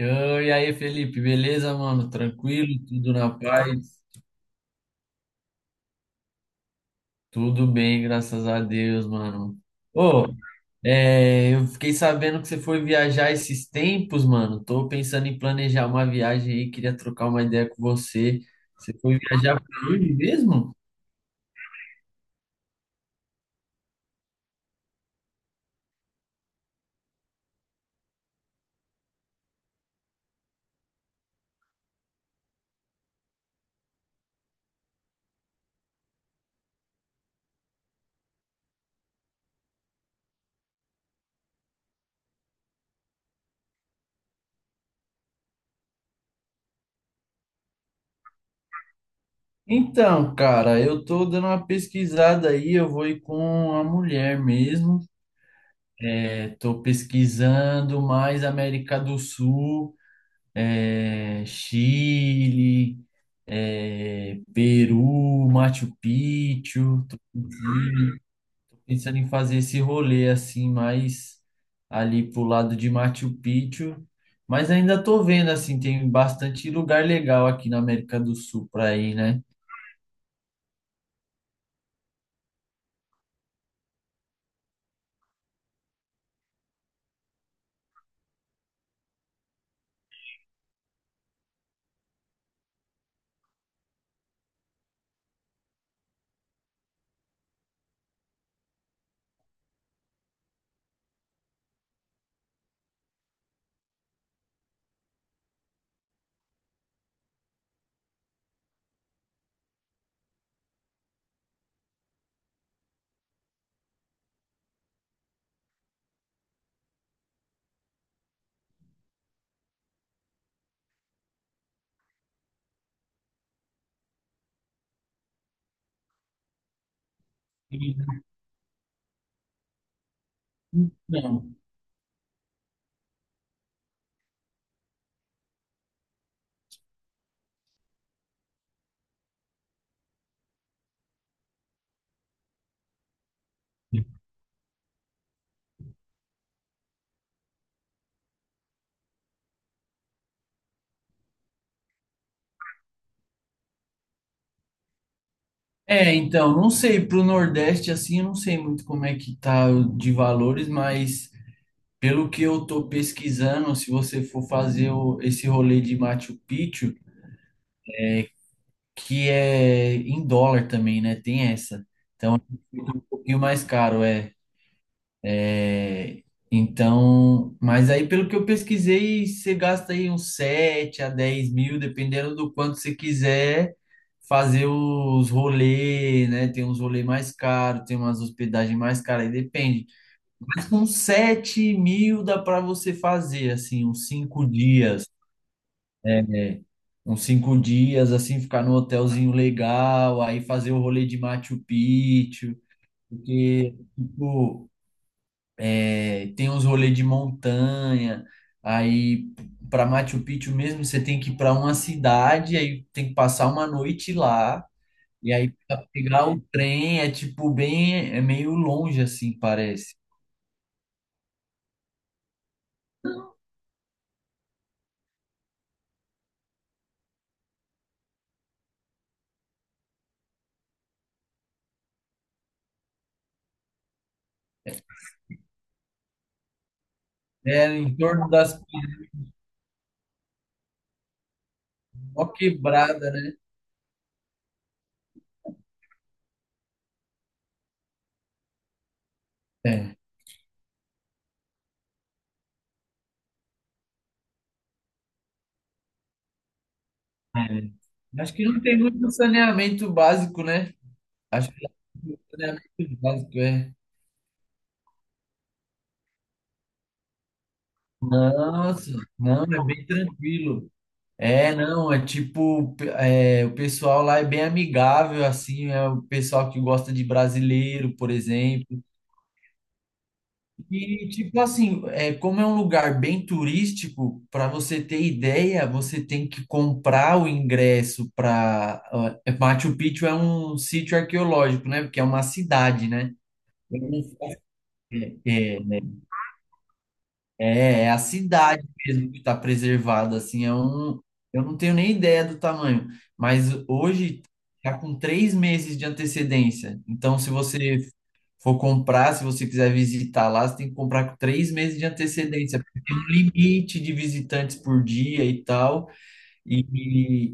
Ô. E aí, Felipe, beleza, mano? Tranquilo? Tudo na paz? Tudo bem, graças a Deus, mano. Ô, eu fiquei sabendo que você foi viajar esses tempos, mano. Tô pensando em planejar uma viagem aí, queria trocar uma ideia com você. Você foi viajar pra onde mesmo? Então, cara, eu tô dando uma pesquisada aí, eu vou ir com a mulher mesmo. É, tô pesquisando mais América do Sul. Chile, Peru, Machu Picchu. Tô pensando em fazer esse rolê assim, mais ali pro lado de Machu Picchu. Mas ainda tô vendo assim, tem bastante lugar legal aqui na América do Sul para ir, né? Então, então, não sei, pro Nordeste, assim, eu não sei muito como é que tá o de valores, mas pelo que eu tô pesquisando, se você for fazer esse rolê de Machu Picchu, que é em dólar também, né? Tem essa. Então, fica um pouquinho mais caro. é, Então, mas aí pelo que eu pesquisei, você gasta aí uns 7 a 10 mil, dependendo do quanto você quiser fazer os rolês, né? Tem uns rolês mais caros, tem umas hospedagens mais caras, aí depende. Mas com 7 mil dá para você fazer, assim, uns 5 dias. É, é, uns 5 dias, assim, ficar num hotelzinho legal, aí fazer o rolê de Machu Picchu, porque, tipo, tem uns rolês de montanha, aí para Machu Picchu mesmo você tem que ir para uma cidade, aí tem que passar uma noite lá, e aí pra pegar o trem é, tipo, bem, é meio longe, assim, parece. É, em torno das... Ó quebrada, né? É. É. Acho que não tem muito saneamento básico, né? Acho que é muito básico, é. Nossa, não, é bem tranquilo. É, não, é tipo, o pessoal lá é bem amigável, assim, é o pessoal que gosta de brasileiro, por exemplo. E, tipo assim, é, como é um lugar bem turístico, para você ter ideia, você tem que comprar o ingresso para. Machu Picchu é um sítio arqueológico, né? Porque é uma cidade, né? Eu não- É, é a cidade mesmo que está preservada, assim, eu não tenho nem ideia do tamanho, mas hoje está com 3 meses de antecedência. Então, se você for comprar, se você quiser visitar lá, você tem que comprar com 3 meses de antecedência, porque tem um limite de visitantes por dia e tal. E,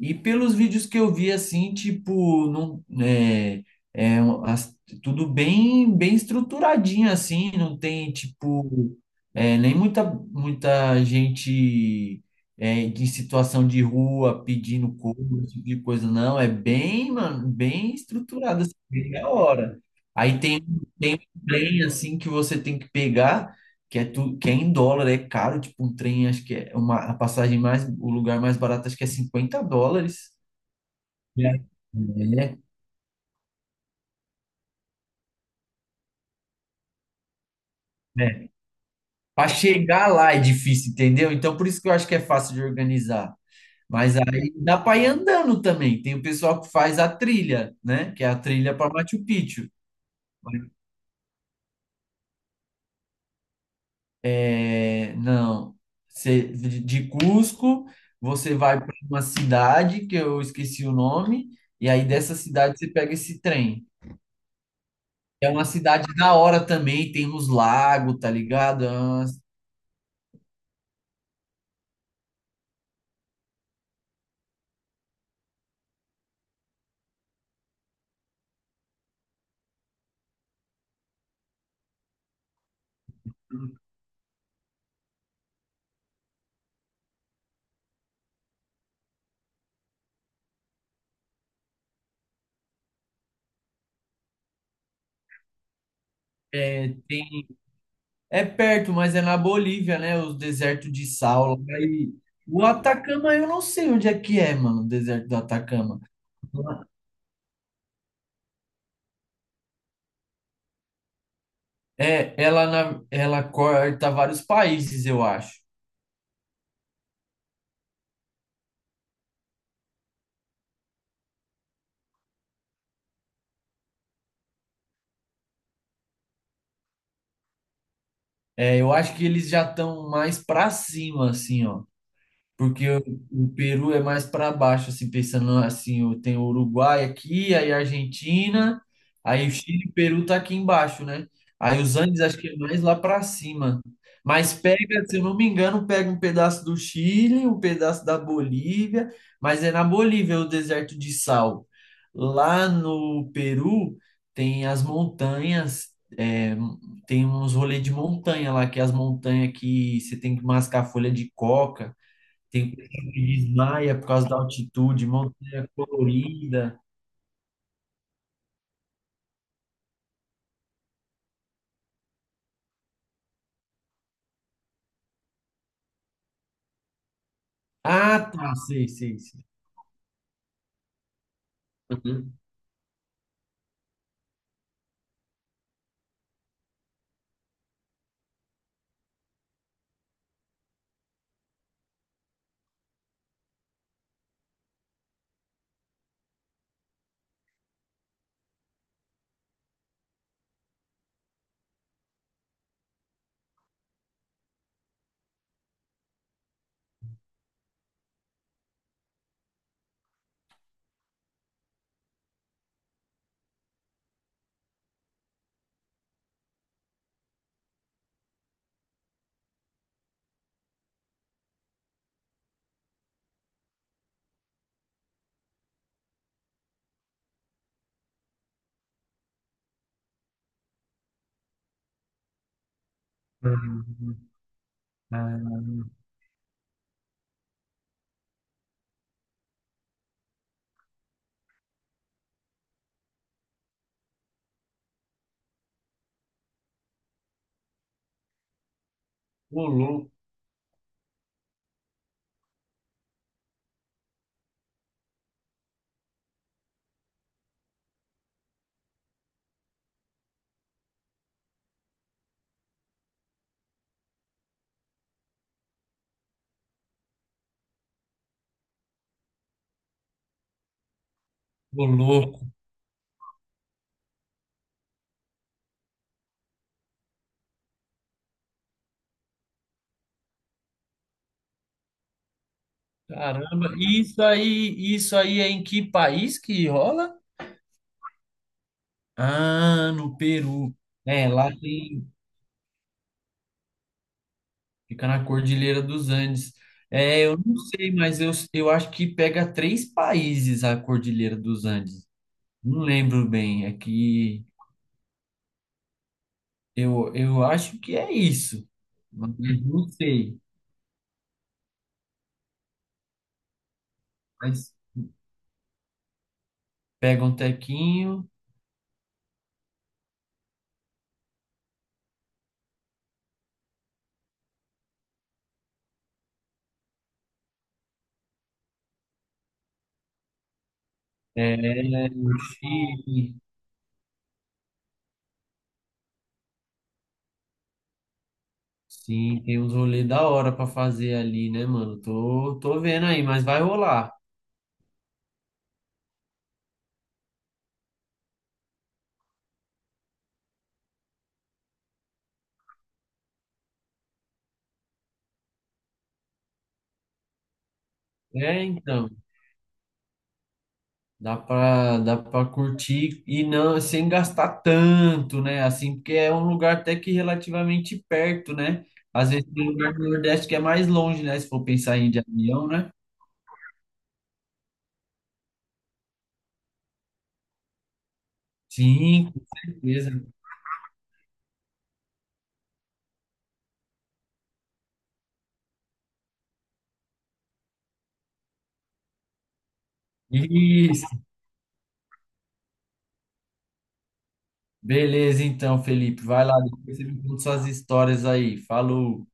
e, e pelos vídeos que eu vi, assim, tipo, não, é um- as- tudo bem, bem estruturadinho, assim, não tem, tipo, é, nem muita, muita gente, em situação de rua pedindo coisa, esse tipo de coisa, não, é bem, mano, bem estruturado, assim, bem da hora. Aí tem, tem um trem, assim, que você tem que pegar, que é tudo, que é em dólar, é caro, tipo um trem, acho que é uma, a passagem mais, o lugar mais barato acho que é US$ 50. É. É, é. Para chegar lá é difícil, entendeu? Então por isso que eu acho que é fácil de organizar. Mas aí dá para ir andando também. Tem o pessoal que faz a trilha, né? Que é a trilha para Machu Picchu. É, não. De Cusco, você vai para uma cidade que eu esqueci o nome, e aí dessa cidade você pega esse trem. É uma cidade da hora também, tem uns lagos, tá ligado? É, tem- É perto, mas é na Bolívia, né? Os desertos de sal o Atacama, eu não sei onde é que é, mano, o deserto do Atacama. É, ela, ela corta vários países, eu acho. É, eu acho que eles já estão mais pra cima, assim, ó. Porque o Peru é mais para baixo, assim, pensando assim, tem o Uruguai aqui, aí a Argentina, aí o Chile e o Peru tá aqui embaixo, né? Aí os Andes acho que é mais lá para cima. Mas pega, se eu não me engano, pega um pedaço do Chile, um pedaço da Bolívia, mas é na Bolívia o deserto de sal. Lá no Peru tem as montanhas, é, tem uns rolês de montanha lá, que é as montanhas que você tem que mascar folha de coca. Tem coisa que desmaia por causa da altitude, montanha colorida. Ah, tá, sei, sei, sei. Uhum. Ah, ô louco, ô louco. Caramba, isso aí é em que país que rola? Ah, no Peru. É, lá tem, fica na Cordilheira dos Andes. É, eu não sei, mas eu acho que pega três países a Cordilheira dos Andes. Não lembro bem, é que eu acho que é isso. Mas não sei. Mas pega um tequinho, é, um chile. Sim, tem uns rolês da hora pra fazer ali, né, mano? Tô vendo aí, mas vai rolar. É, então. Dá pra curtir e não sem gastar tanto, né? Assim, porque é um lugar até que relativamente perto, né? Às vezes tem um lugar do Nordeste que é mais longe, né? Se for pensar em ir de avião, né? Sim, com certeza. Isso. Beleza, então, Felipe. Vai lá, depois você me conta suas histórias aí. Falou.